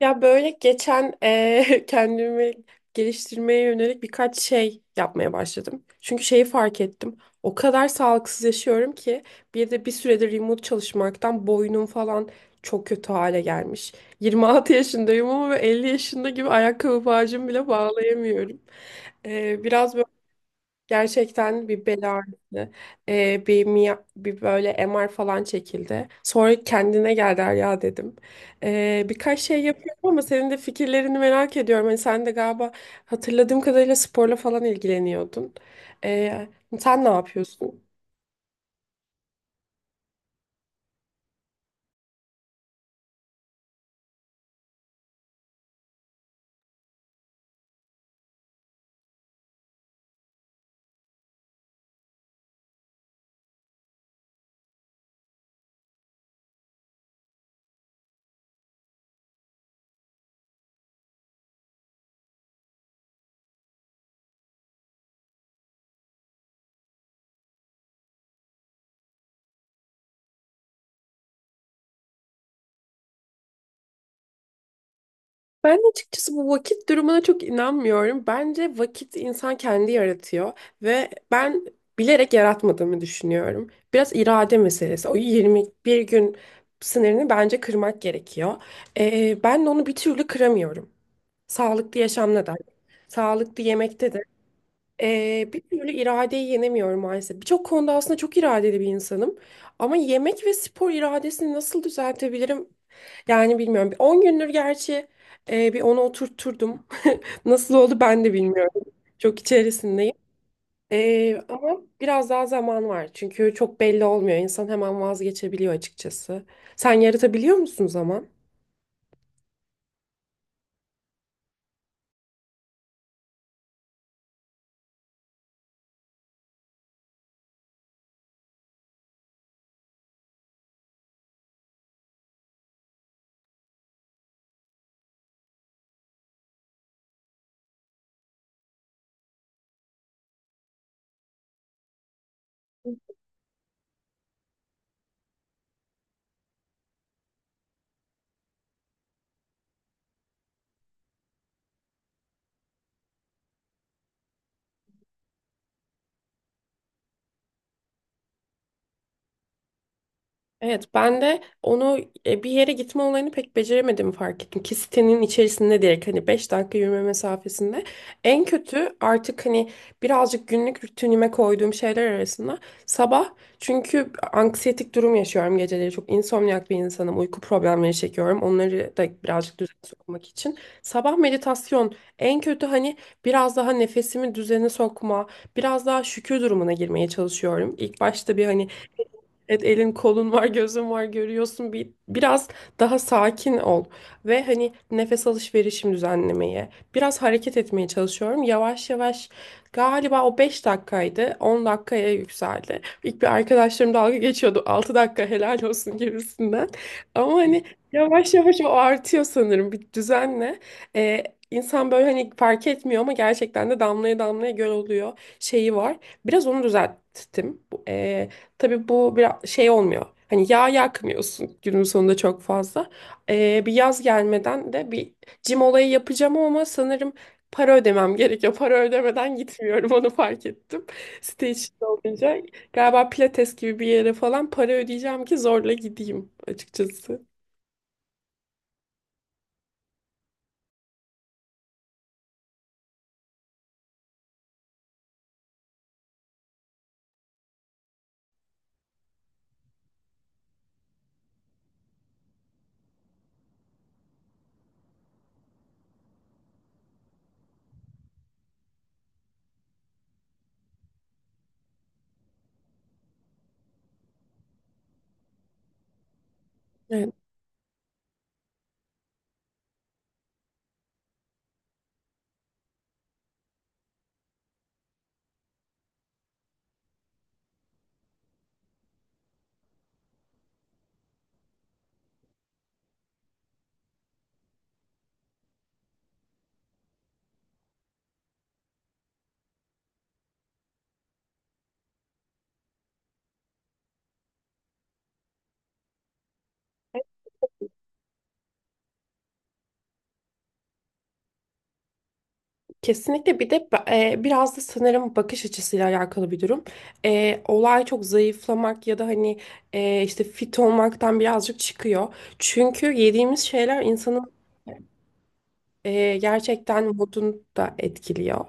Ya böyle geçen kendimi geliştirmeye yönelik birkaç şey yapmaya başladım. Çünkü şeyi fark ettim. O kadar sağlıksız yaşıyorum ki bir de bir süredir remote çalışmaktan boynum falan çok kötü hale gelmiş. 26 yaşındayım ama böyle 50 yaşında gibi ayakkabı bağcığımı bile bağlayamıyorum. Biraz gerçekten bir bel ağrısı, bir böyle MR falan çekildi. Sonra kendine gel ya dedim. Birkaç şey yapıyorum ama senin de fikirlerini merak ediyorum. Hani sen de galiba hatırladığım kadarıyla sporla falan ilgileniyordun. E, Sen ne yapıyorsun? Ben de açıkçası bu vakit durumuna çok inanmıyorum. Bence vakit insan kendi yaratıyor ve ben bilerek yaratmadığımı düşünüyorum. Biraz irade meselesi. O 21 gün sınırını bence kırmak gerekiyor. Ben de onu bir türlü kıramıyorum. Sağlıklı yaşamda da, sağlıklı yemekte de. Bir türlü iradeyi yenemiyorum maalesef. Birçok konuda aslında çok iradeli bir insanım. Ama yemek ve spor iradesini nasıl düzeltebilirim, yani bilmiyorum. Bir 10 gündür gerçi bir onu oturtturdum. Nasıl oldu ben de bilmiyorum. Çok içerisindeyim. Ama biraz daha zaman var. Çünkü çok belli olmuyor. İnsan hemen vazgeçebiliyor açıkçası. Sen yaratabiliyor musun zaman? Evet, ben de onu, bir yere gitme olayını pek beceremediğimi fark ettim. Ki sitenin içerisinde direkt, hani, 5 dakika yürüme mesafesinde. En kötü artık hani birazcık günlük rutinime koyduğum şeyler arasında sabah, çünkü anksiyetik durum yaşıyorum geceleri. Çok insomniak bir insanım. Uyku problemleri çekiyorum. Onları da birazcık düzene sokmak için sabah meditasyon, en kötü hani biraz daha nefesimi düzene sokma, biraz daha şükür durumuna girmeye çalışıyorum. İlk başta bir hani, evet, elin kolun var, gözün var, görüyorsun. Bir, biraz daha sakin ol ve hani nefes alışverişimi düzenlemeye, biraz hareket etmeye çalışıyorum. Yavaş yavaş, galiba o 5 dakikaydı, 10 dakikaya yükseldi. İlk bir arkadaşlarım dalga geçiyordu. 6 dakika, helal olsun gibisinden. Ama hani yavaş yavaş o artıyor sanırım bir düzenle. Ee, insan böyle hani fark etmiyor ama gerçekten de damlaya damlaya göl oluyor şeyi var. Biraz onu düzelttim. Tabii bu biraz şey olmuyor. Hani yağ yakmıyorsun günün sonunda çok fazla. Bir yaz gelmeden de bir cim olayı yapacağım ama sanırım para ödemem gerekiyor. Para ödemeden gitmiyorum, onu fark ettim. Site içinde olunca galiba Pilates gibi bir yere falan para ödeyeceğim ki zorla gideyim açıkçası. Evet. Kesinlikle, bir de biraz da sanırım bakış açısıyla alakalı bir durum. Olay çok zayıflamak ya da hani işte fit olmaktan birazcık çıkıyor. Çünkü yediğimiz şeyler insanın gerçekten modunu da etkiliyor.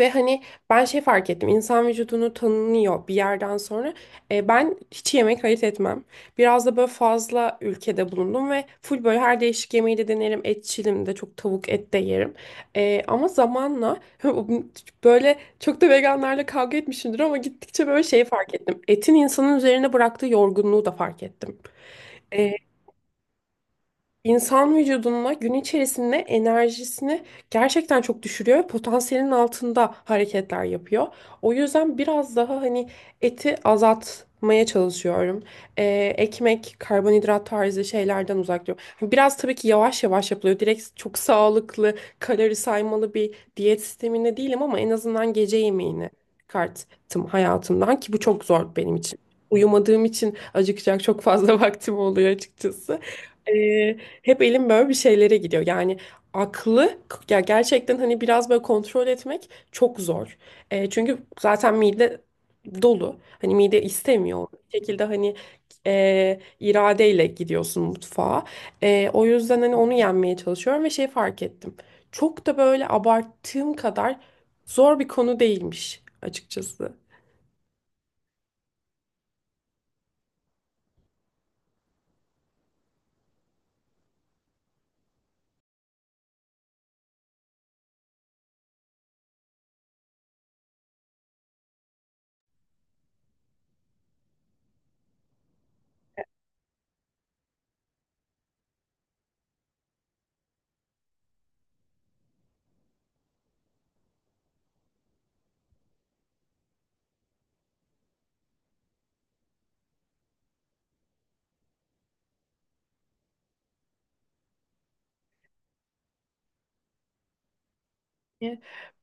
Ve hani ben şey fark ettim. İnsan vücudunu tanınıyor bir yerden sonra. Ben hiç yemek ayırt etmem. Biraz da böyle fazla ülkede bulundum ve full böyle her değişik yemeği de denerim. Etçilim de, çok tavuk et de yerim. Ama zamanla böyle çok da veganlarla kavga etmişimdir ama gittikçe böyle şey fark ettim. Etin insanın üzerine bıraktığı yorgunluğu da fark ettim. E, İnsan vücuduna gün içerisinde enerjisini gerçekten çok düşürüyor ve potansiyelin altında hareketler yapıyor. O yüzden biraz daha hani eti azaltmaya çalışıyorum. Ekmek, karbonhidrat tarzı şeylerden uzak duruyorum. Hani biraz, tabii ki, yavaş yavaş yapılıyor. Direkt çok sağlıklı, kalori saymalı bir diyet sisteminde değilim ama en azından gece yemeğini çıkarttım hayatımdan ki bu çok zor benim için. Uyumadığım için acıkacak çok fazla vaktim oluyor açıkçası. Hep elim böyle bir şeylere gidiyor. Yani aklı, ya, gerçekten hani biraz böyle kontrol etmek çok zor. Çünkü zaten mide dolu. Hani mide istemiyor. Bir şekilde hani iradeyle gidiyorsun mutfağa. O yüzden hani onu yenmeye çalışıyorum ve şey fark ettim. Çok da böyle abarttığım kadar zor bir konu değilmiş açıkçası.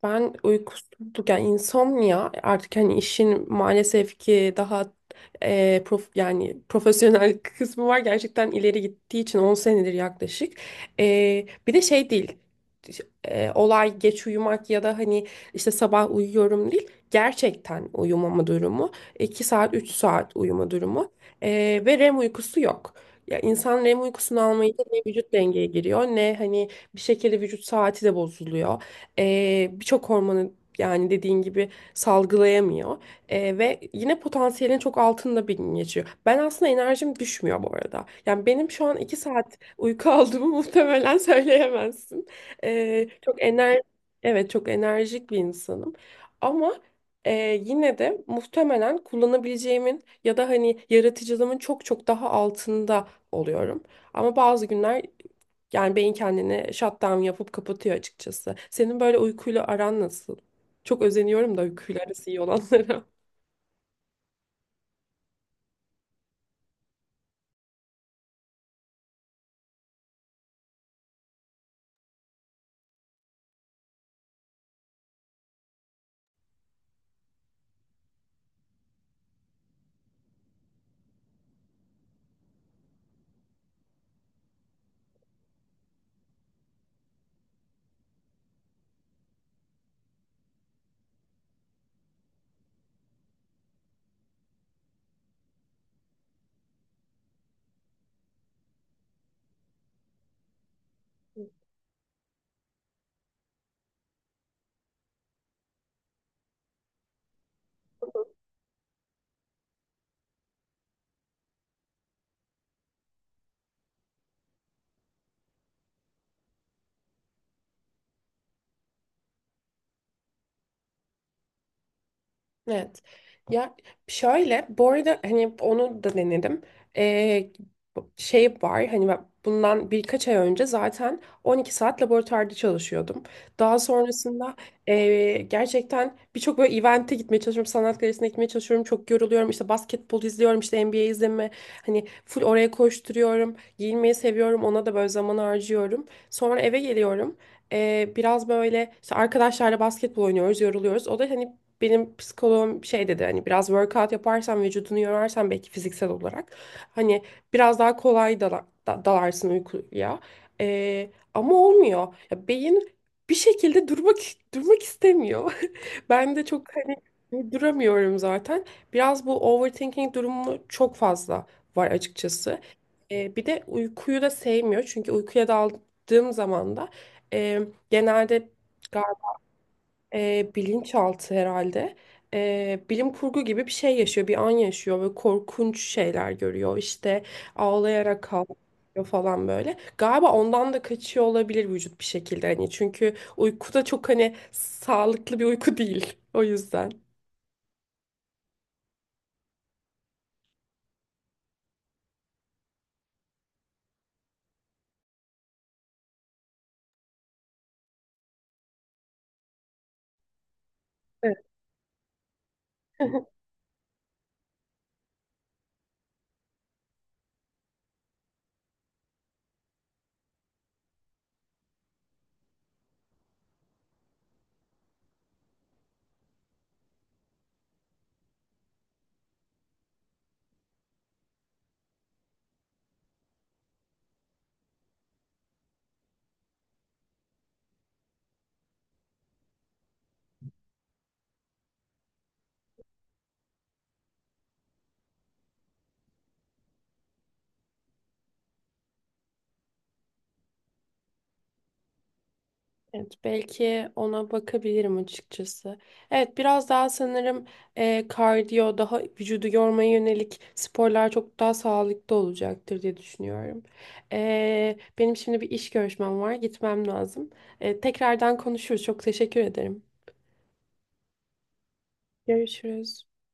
Ben uykusuzluk, yani insomnia, artık hani işin maalesef ki daha yani profesyonel kısmı var, gerçekten ileri gittiği için 10 senedir yaklaşık. Bir de şey değil, olay geç uyumak ya da hani işte sabah uyuyorum değil, gerçekten uyumama durumu, 2 saat 3 saat uyuma durumu. Ve REM uykusu yok. Ya insan REM uykusunu almayınca ne vücut dengeye giriyor ne hani bir şekilde vücut saati de bozuluyor. Birçok hormonu, yani, dediğin gibi salgılayamıyor. Ve yine potansiyelin çok altında bir gün geçiyor. Ben aslında enerjim düşmüyor bu arada. Yani benim şu an 2 saat uyku aldığımı muhtemelen söyleyemezsin. Çok ener evet çok enerjik bir insanım. Ama e, yine de muhtemelen kullanabileceğimin ya da hani yaratıcılığımın çok çok daha altında oluyorum. Ama bazı günler yani beyin kendini shutdown yapıp kapatıyor açıkçası. Senin böyle uykuyla aran nasıl? Çok özeniyorum da uykuyla arası iyi olanlara. Evet. Ya şöyle, bu arada, hani onu da denedim. Ee, Şey var, hani ben bundan birkaç ay önce zaten 12 saat laboratuvarda çalışıyordum. Daha sonrasında gerçekten birçok böyle event'e gitmeye çalışıyorum. Sanat galerisine gitmeye çalışıyorum. Çok yoruluyorum. İşte basketbol izliyorum. İşte NBA izleme. Hani full oraya koşturuyorum. Giyinmeyi seviyorum. Ona da böyle zaman harcıyorum. Sonra eve geliyorum. Biraz böyle işte arkadaşlarla basketbol oynuyoruz, yoruluyoruz. O da hani, benim psikoloğum şey dedi, hani biraz workout yaparsan, vücudunu yorarsan, belki fiziksel olarak hani biraz daha kolay dalarsın uykuya. Ama olmuyor. Ya beyin bir şekilde durmak istemiyor. Ben de çok hani duramıyorum zaten. Biraz bu overthinking durumu çok fazla var açıkçası. Bir de uykuyu da sevmiyor. Çünkü uykuya daldığım zaman da, e, genelde, bilinçaltı herhalde. Bilim kurgu gibi bir şey yaşıyor, bir an yaşıyor ve korkunç şeyler görüyor. İşte ağlayarak kalkıyor falan böyle. Galiba ondan da kaçıyor olabilir vücut bir şekilde hani, çünkü uyku da çok hani sağlıklı bir uyku değil. O yüzden. Evet. Evet, belki ona bakabilirim açıkçası. Evet, biraz daha sanırım kardiyo, daha vücudu yormaya yönelik sporlar çok daha sağlıklı olacaktır diye düşünüyorum. Benim şimdi bir iş görüşmem var, gitmem lazım. Tekrardan konuşuruz. Çok teşekkür ederim. Görüşürüz.